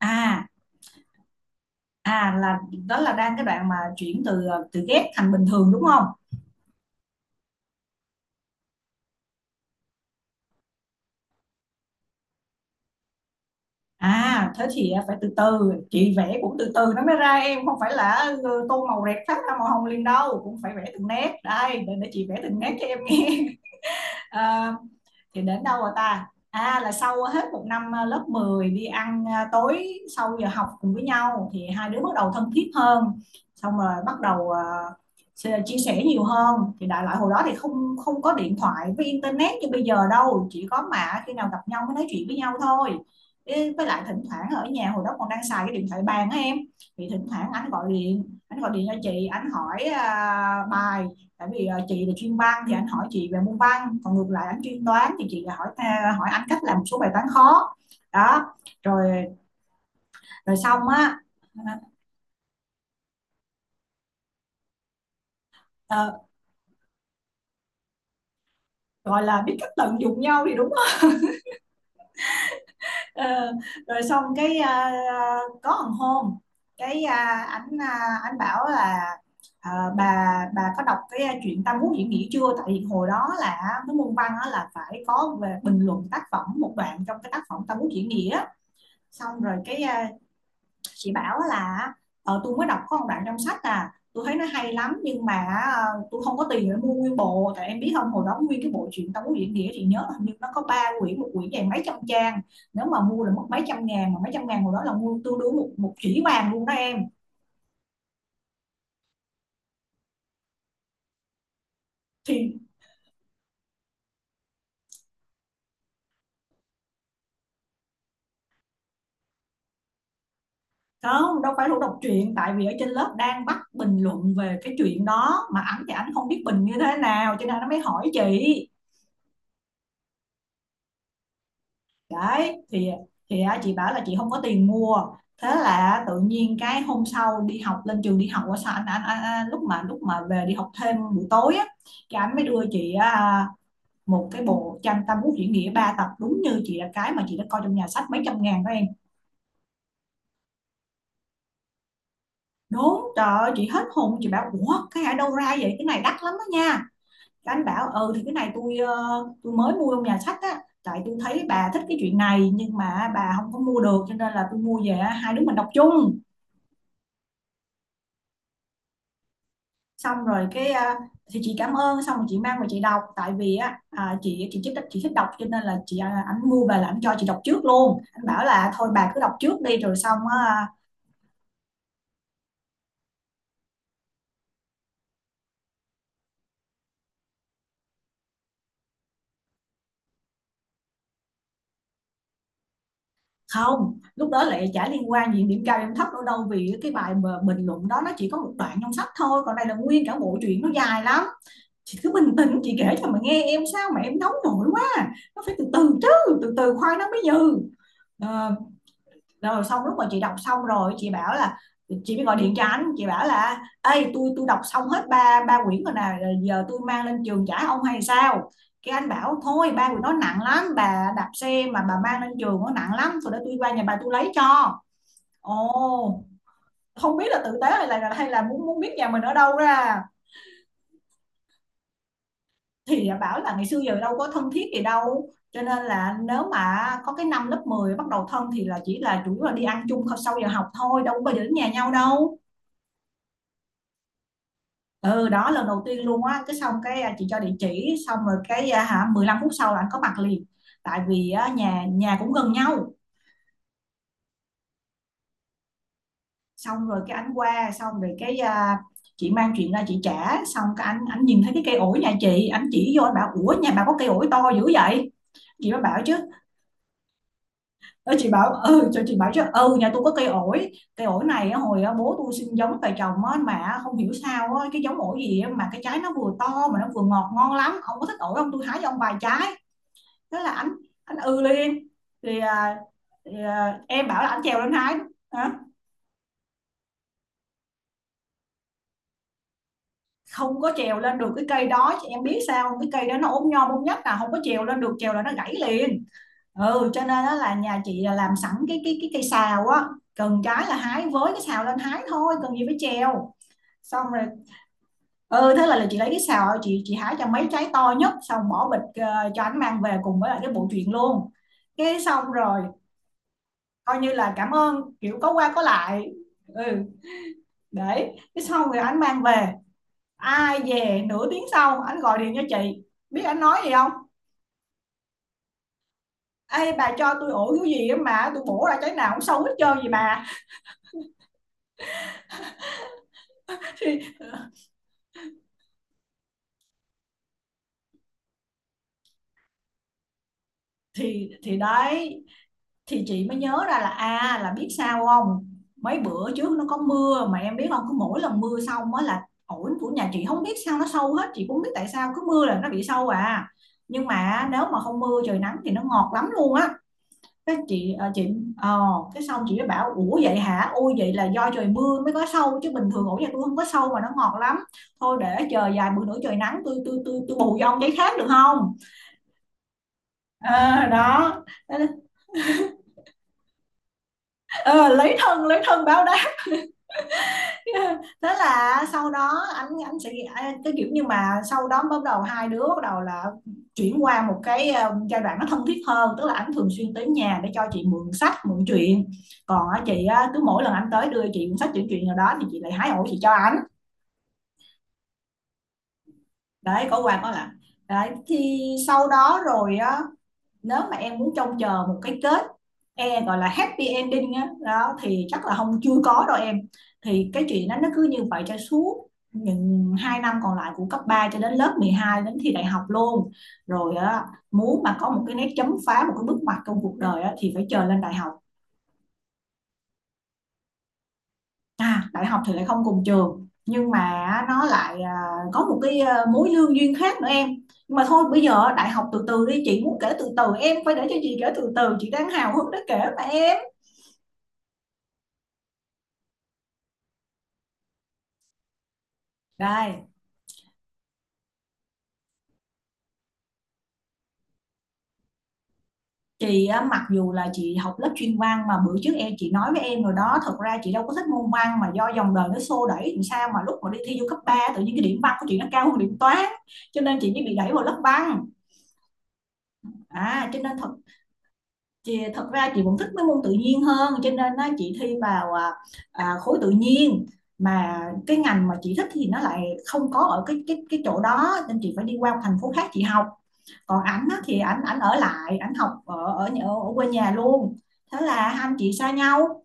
à là đó là đang cái đoạn mà chuyển từ từ ghét thành bình thường đúng không? À, thế thì phải từ từ, chị vẽ cũng từ từ nó mới ra, em không phải là tô màu rẹt phát ra màu hồng liền đâu, cũng phải vẽ từng nét. Đây để chị vẽ từng nét cho em nghe. à, thì đến đâu rồi ta? À, là sau hết một năm, lớp 10 đi ăn, tối sau giờ học cùng với nhau thì hai đứa bắt đầu thân thiết hơn. Xong rồi bắt đầu chia sẻ nhiều hơn. Thì đại loại hồi đó thì không không có điện thoại với internet như bây giờ đâu, chỉ có mà khi nào gặp nhau mới nói chuyện với nhau thôi. Với lại thỉnh thoảng ở nhà hồi đó còn đang xài cái điện thoại bàn á em. Thì thỉnh thoảng anh gọi điện, cho chị, anh hỏi bài. Tại vì chị là chuyên văn thì anh hỏi chị về môn văn, còn ngược lại anh chuyên toán thì chị lại hỏi hỏi anh cách làm một số bài toán khó. Đó. Rồi. Rồi xong á. ờ, Gọi là biết cách tận dụng nhau thì đúng không? Ờ, rồi xong cái, có một hôm, cái ờ, anh, anh bảo là, ờ, bà bà có đọc cái chuyện Tam Quốc diễn nghĩa chưa? Tại vì hồi đó là cái môn văn là phải có về bình luận tác phẩm một đoạn trong cái tác phẩm Tam Quốc diễn nghĩa. Xong rồi cái, chị bảo là tôi mới đọc có một đoạn trong sách, à, tôi thấy nó hay lắm nhưng mà ờ, tôi không có tiền để mua nguyên bộ. Tại em biết không, hồi đó nguyên cái bộ truyện Tống Nguyễn Nghĩa chị nhớ hình như nó có ba quyển, một quyển dày mấy trăm trang, nếu mà mua là mất mấy trăm ngàn, mà mấy trăm ngàn hồi đó là mua tương đương một một chỉ vàng luôn đó em. Thì không, đâu phải lúc đọc truyện, tại vì ở trên lớp đang bắt bình luận về cái chuyện đó mà ảnh thì ảnh không biết bình như thế nào cho nên nó mới hỏi chị. Đấy thì, á, chị bảo là chị không có tiền mua. Thế là tự nhiên cái hôm sau đi học lên trường, đi học qua sao anh lúc mà về đi học thêm buổi tối á, cái anh mới đưa chị, một cái bộ tranh Tam Quốc diễn nghĩa ba tập, đúng như chị là cái mà chị đã coi trong nhà sách mấy trăm ngàn đó em. Đúng trời ơi, chị hết hồn, chị bảo ủa cái ở đâu ra vậy, cái này đắt lắm đó nha. Cái anh bảo ừ thì cái này tôi, tôi mới mua trong nhà sách á, tại tôi thấy bà thích cái chuyện này nhưng mà bà không có mua được cho nên là tôi mua về á, hai đứa mình đọc chung. Xong rồi cái, thì chị cảm ơn, xong rồi chị mang về chị đọc. Tại vì á, à, chị thích, chị thích đọc cho nên là chị, à, ảnh mua về là ảnh cho chị đọc trước luôn. Anh bảo là thôi bà cứ đọc trước đi rồi xong á, à, không lúc đó lại chả liên quan gì điểm cao điểm thấp đâu, đâu vì cái bài mà bình luận đó nó chỉ có một đoạn trong sách thôi còn đây là nguyên cả bộ truyện nó dài lắm. Chị cứ bình tĩnh chị kể cho mà nghe, em sao mà em nóng nổi quá. Nó phải từ từ chứ, từ từ khoai nó mới dừ. Ờ, rồi xong lúc mà chị đọc xong rồi chị bảo là, chị mới gọi điện cho anh, chị bảo là ê tôi đọc xong hết ba ba quyển rồi nè, giờ tôi mang lên trường trả ông hay sao. Cái anh bảo thôi ba quyển nó nặng lắm, bà đạp xe mà bà mang lên trường nó nặng lắm, rồi để tôi qua nhà bà tôi lấy cho. Ồ, không biết là tử tế hay là, hay là muốn muốn biết nhà mình ở đâu ra. Thì bảo là ngày xưa giờ đâu có thân thiết gì đâu cho nên là nếu mà có cái năm lớp 10 bắt đầu thân thì là chỉ là chủ yếu là đi ăn chung sau giờ học thôi, đâu có bao giờ đến nhà nhau đâu. Ừ, đó lần đầu tiên luôn á, cái xong cái, chị cho địa chỉ xong rồi cái, hả, 15 phút sau là anh có mặt liền. Tại vì á, nhà nhà cũng gần nhau. Xong rồi cái anh qua, xong rồi cái, chị mang chuyện ra chị trả, xong cái anh nhìn thấy cái cây ổi nhà chị, anh chỉ vô anh bảo ủa nhà bà có cây ổi to dữ vậy. Chị mới bảo chứ. Ơ, chị bảo ừ cho, chị bảo chứ ừ nhà tôi có cây ổi, cây ổi này á, hồi á, bố tôi xin giống về trồng á, mà không hiểu sao á, cái giống ổi gì á, mà cái trái nó vừa to mà nó vừa ngọt ngon lắm, ông có thích ổi không tôi hái cho ông vài trái. Thế là ảnh ảnh ừ liền. Thì, à, thì à, em bảo là ảnh trèo lên hái. Hả? Không có trèo lên được cái cây đó chị em biết sao không? Cái cây đó nó ốm nhom ốm nhất là không có trèo lên được, trèo là nó gãy liền. Ừ, cho nên đó là nhà chị là làm sẵn cái cây sào á. Cần cái là hái với cái sào lên hái thôi cần gì phải trèo. Xong rồi. Ừ thế là, chị lấy cái sào chị hái cho mấy trái to nhất, xong bỏ bịch cho anh mang về cùng với lại cái bộ truyện luôn. Cái xong rồi, coi như là cảm ơn kiểu có qua có lại. Ừ đấy, cái sau rồi anh mang về, ai về nửa tiếng sau anh gọi điện cho chị, biết anh nói gì không. Ê bà cho tôi ổ cái gì á mà tôi bổ ra trái nào cũng xấu hết trơn gì bà. Thì, đấy, thì chị mới nhớ ra là, à là biết sao không, mấy bữa trước nó có mưa mà em biết không, cứ mỗi lần mưa xong á là ổn của nhà chị không biết sao nó sâu hết, chị cũng biết tại sao cứ mưa là nó bị sâu à, nhưng mà nếu mà không mưa trời nắng thì nó ngọt lắm luôn á. Cái chị, ờ cái xong chị mới bảo ủa vậy hả, ôi vậy là do trời mưa mới có sâu chứ bình thường ổ nhà tôi không có sâu mà nó ngọt lắm, thôi để chờ vài bữa nữa trời nắng tôi, bù vô ông giấy khác được không. Đó. Ờ, lấy thân, báo đáp. Thế là sau đó anh, cái kiểu như mà sau đó bắt đầu hai đứa bắt đầu là chuyển qua một cái, giai đoạn nó thân thiết hơn, tức là anh thường xuyên tới nhà để cho chị mượn sách mượn truyện. Còn á, chị á, cứ mỗi lần anh tới đưa chị cuốn sách chuyển truyện nào đó thì chị lại hái ổ chị cho anh. Đấy có qua có lại. Đấy thì sau đó rồi á, nếu mà em muốn trông chờ một cái kết, e gọi là happy ending á đó thì chắc là không, chưa có đâu em. Thì cái chuyện đó nó cứ như vậy cho suốt những 2 năm còn lại của cấp 3 cho đến lớp 12 đến thi đại học luôn. Rồi á, muốn mà có một cái nét chấm phá, một cái bước ngoặt trong cuộc đời á, thì phải chờ lên đại học. À, đại học thì lại không cùng trường, nhưng mà nó lại, có một cái, mối lương duyên khác nữa em. Nhưng mà thôi bây giờ đại học từ từ đi, chị muốn kể từ từ, em phải để cho chị kể từ từ, chị đang hào hứng để kể mà em. Rồi, chị á, mặc dù là chị học lớp chuyên văn mà bữa trước em, chị nói với em rồi đó, thật ra chị đâu có thích môn văn mà do dòng đời nó xô đẩy làm sao mà lúc mà đi thi vô cấp 3 tự nhiên cái điểm văn của chị nó cao hơn điểm toán, cho nên chị mới bị đẩy vào lớp văn. À, cho nên thật chị thật ra chị vẫn thích mấy môn tự nhiên hơn, cho nên á, chị thi vào khối tự nhiên, mà cái ngành mà chị thích thì nó lại không có ở cái chỗ đó, nên chị phải đi qua một thành phố khác chị học. Còn ảnh á, thì ảnh ảnh ở lại, ảnh học ở ở nhà- ở quê nhà luôn. Thế là hai anh chị xa nhau.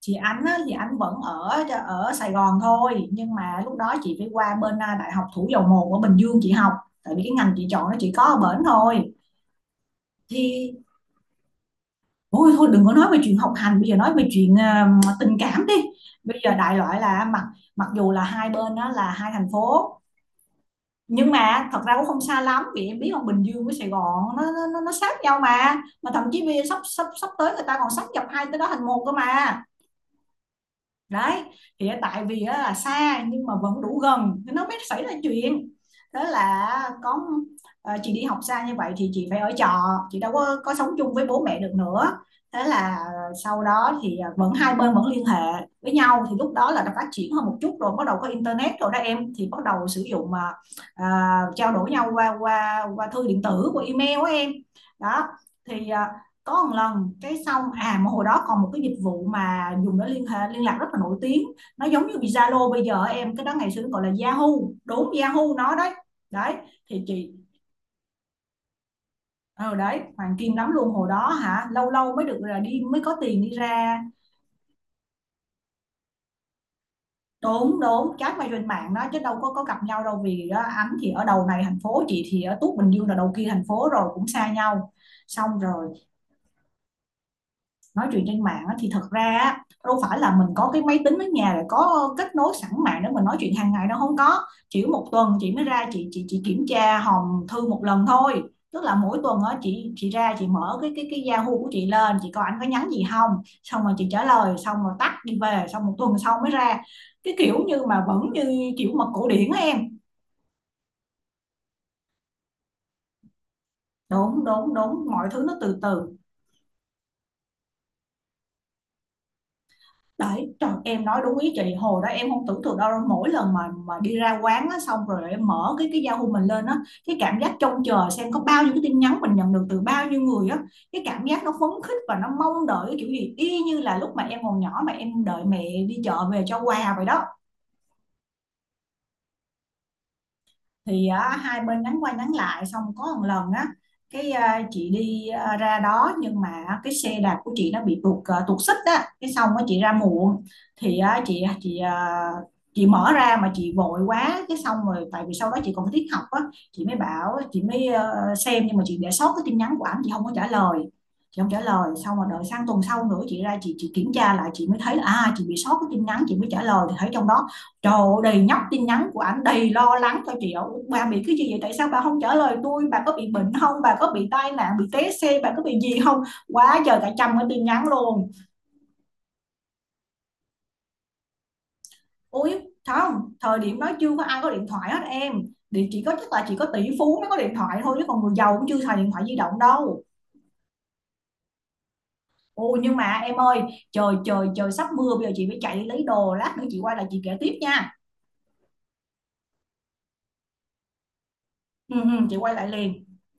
Chị, ảnh á, thì ảnh vẫn ở ở Sài Gòn thôi, nhưng mà lúc đó chị phải qua bên Đại học Thủ Dầu Một ở Bình Dương chị học, tại vì cái ngành chị chọn nó chỉ có ở bển thôi. Thì ôi thôi, đừng có nói về chuyện học hành, bây giờ nói về chuyện tình cảm đi. Bây giờ đại loại là mặc mặc dù là hai bên đó là hai thành phố, nhưng mà thật ra cũng không xa lắm, vì em biết là Bình Dương với Sài Gòn nó sát nhau mà thậm chí bây giờ sắp sắp sắp tới người ta còn sáp nhập hai tới đó thành một cơ mà. Đấy, thì tại vì là xa nhưng mà vẫn đủ gần thì nó mới xảy ra chuyện. Đó là có, chị đi học xa như vậy thì chị phải ở trọ, chị đâu có sống chung với bố mẹ được nữa. Thế là sau đó thì vẫn hai bên vẫn liên hệ với nhau, thì lúc đó là đã phát triển hơn một chút rồi, bắt đầu có internet rồi đó em, thì bắt đầu sử dụng mà, à, trao đổi nhau qua qua qua thư điện tử, qua email của em đó. Thì có một lần cái xong, à mà hồi đó còn một cái dịch vụ mà dùng để liên hệ liên lạc rất là nổi tiếng, nó giống như Zalo bây giờ em, cái đó ngày xưa nó gọi là Yahoo. Đúng, Yahoo nó đấy. Đấy, thì chị, ờ đấy, hoàng kim lắm luôn hồi đó hả, lâu lâu mới được là đi, mới có tiền đi ra. Đúng, đúng, chat qua trên mạng đó, chứ đâu có gặp nhau đâu, vì á, anh thì ở đầu này thành phố, chị thì ở Tuốt Bình Dương là đầu kia thành phố rồi, cũng xa nhau. Xong rồi nói chuyện trên mạng thì thật ra á, đâu phải là mình có cái máy tính ở nhà rồi có kết nối sẵn mạng để mình nói chuyện hàng ngày đâu, không có, chỉ một tuần chị mới ra chị kiểm tra hòm thư một lần thôi. Tức là mỗi tuần á, chị ra chị mở cái Yahoo của chị lên, chị coi anh có nhắn gì không, xong rồi chị trả lời, xong rồi tắt đi về, xong một tuần sau mới ra. Cái kiểu như mà vẫn như kiểu mật cổ điển á em. Đúng, đúng, đúng, mọi thứ nó từ từ. Đấy, trời, em nói đúng ý chị, hồi đó em không tưởng tượng đâu, mỗi lần mà đi ra quán á, xong rồi em mở cái Yahoo mình lên á, cái cảm giác trông chờ xem có bao nhiêu cái tin nhắn mình nhận được từ bao nhiêu người á, cái cảm giác nó phấn khích và nó mong đợi cái kiểu gì y như là lúc mà em còn nhỏ mà em đợi mẹ đi chợ về cho quà vậy đó. Thì á, hai bên nhắn qua nhắn lại, xong có một lần á, cái chị đi ra đó nhưng mà cái xe đạp của chị nó bị tuột xích á, cái xong á chị ra muộn. Thì á, chị mở ra mà chị vội quá, cái xong rồi tại vì sau đó chị còn phải tiết học á, chị mới xem, nhưng mà chị để sót cái tin nhắn của ảnh, chị không có trả lời. Chị không trả lời, xong rồi đợi sang tuần sau nữa chị ra chị kiểm tra lại, chị mới thấy là chị bị sót cái tin nhắn, chị mới trả lời thì thấy trong đó. Trời, đầy nhóc tin nhắn của ảnh, đầy lo lắng cho chị ạ. Bà bị cái gì vậy? Tại sao bà không trả lời tôi? Bà có bị bệnh không? Bà có bị tai nạn, bị té xe, bà có bị gì không? Quá trời, cả trăm cái tin nhắn luôn. Ui, không, thời điểm đó chưa có ai có điện thoại hết em. Thì chỉ có chắc là chỉ có tỷ phú mới có điện thoại thôi, chứ còn người giàu cũng chưa xài điện thoại di động đâu. Ôi nhưng mà em ơi, trời trời trời, sắp mưa bây giờ chị phải chạy lấy đồ, lát nữa chị quay lại chị kể tiếp nha. Ừ, ừ, chị quay lại liền.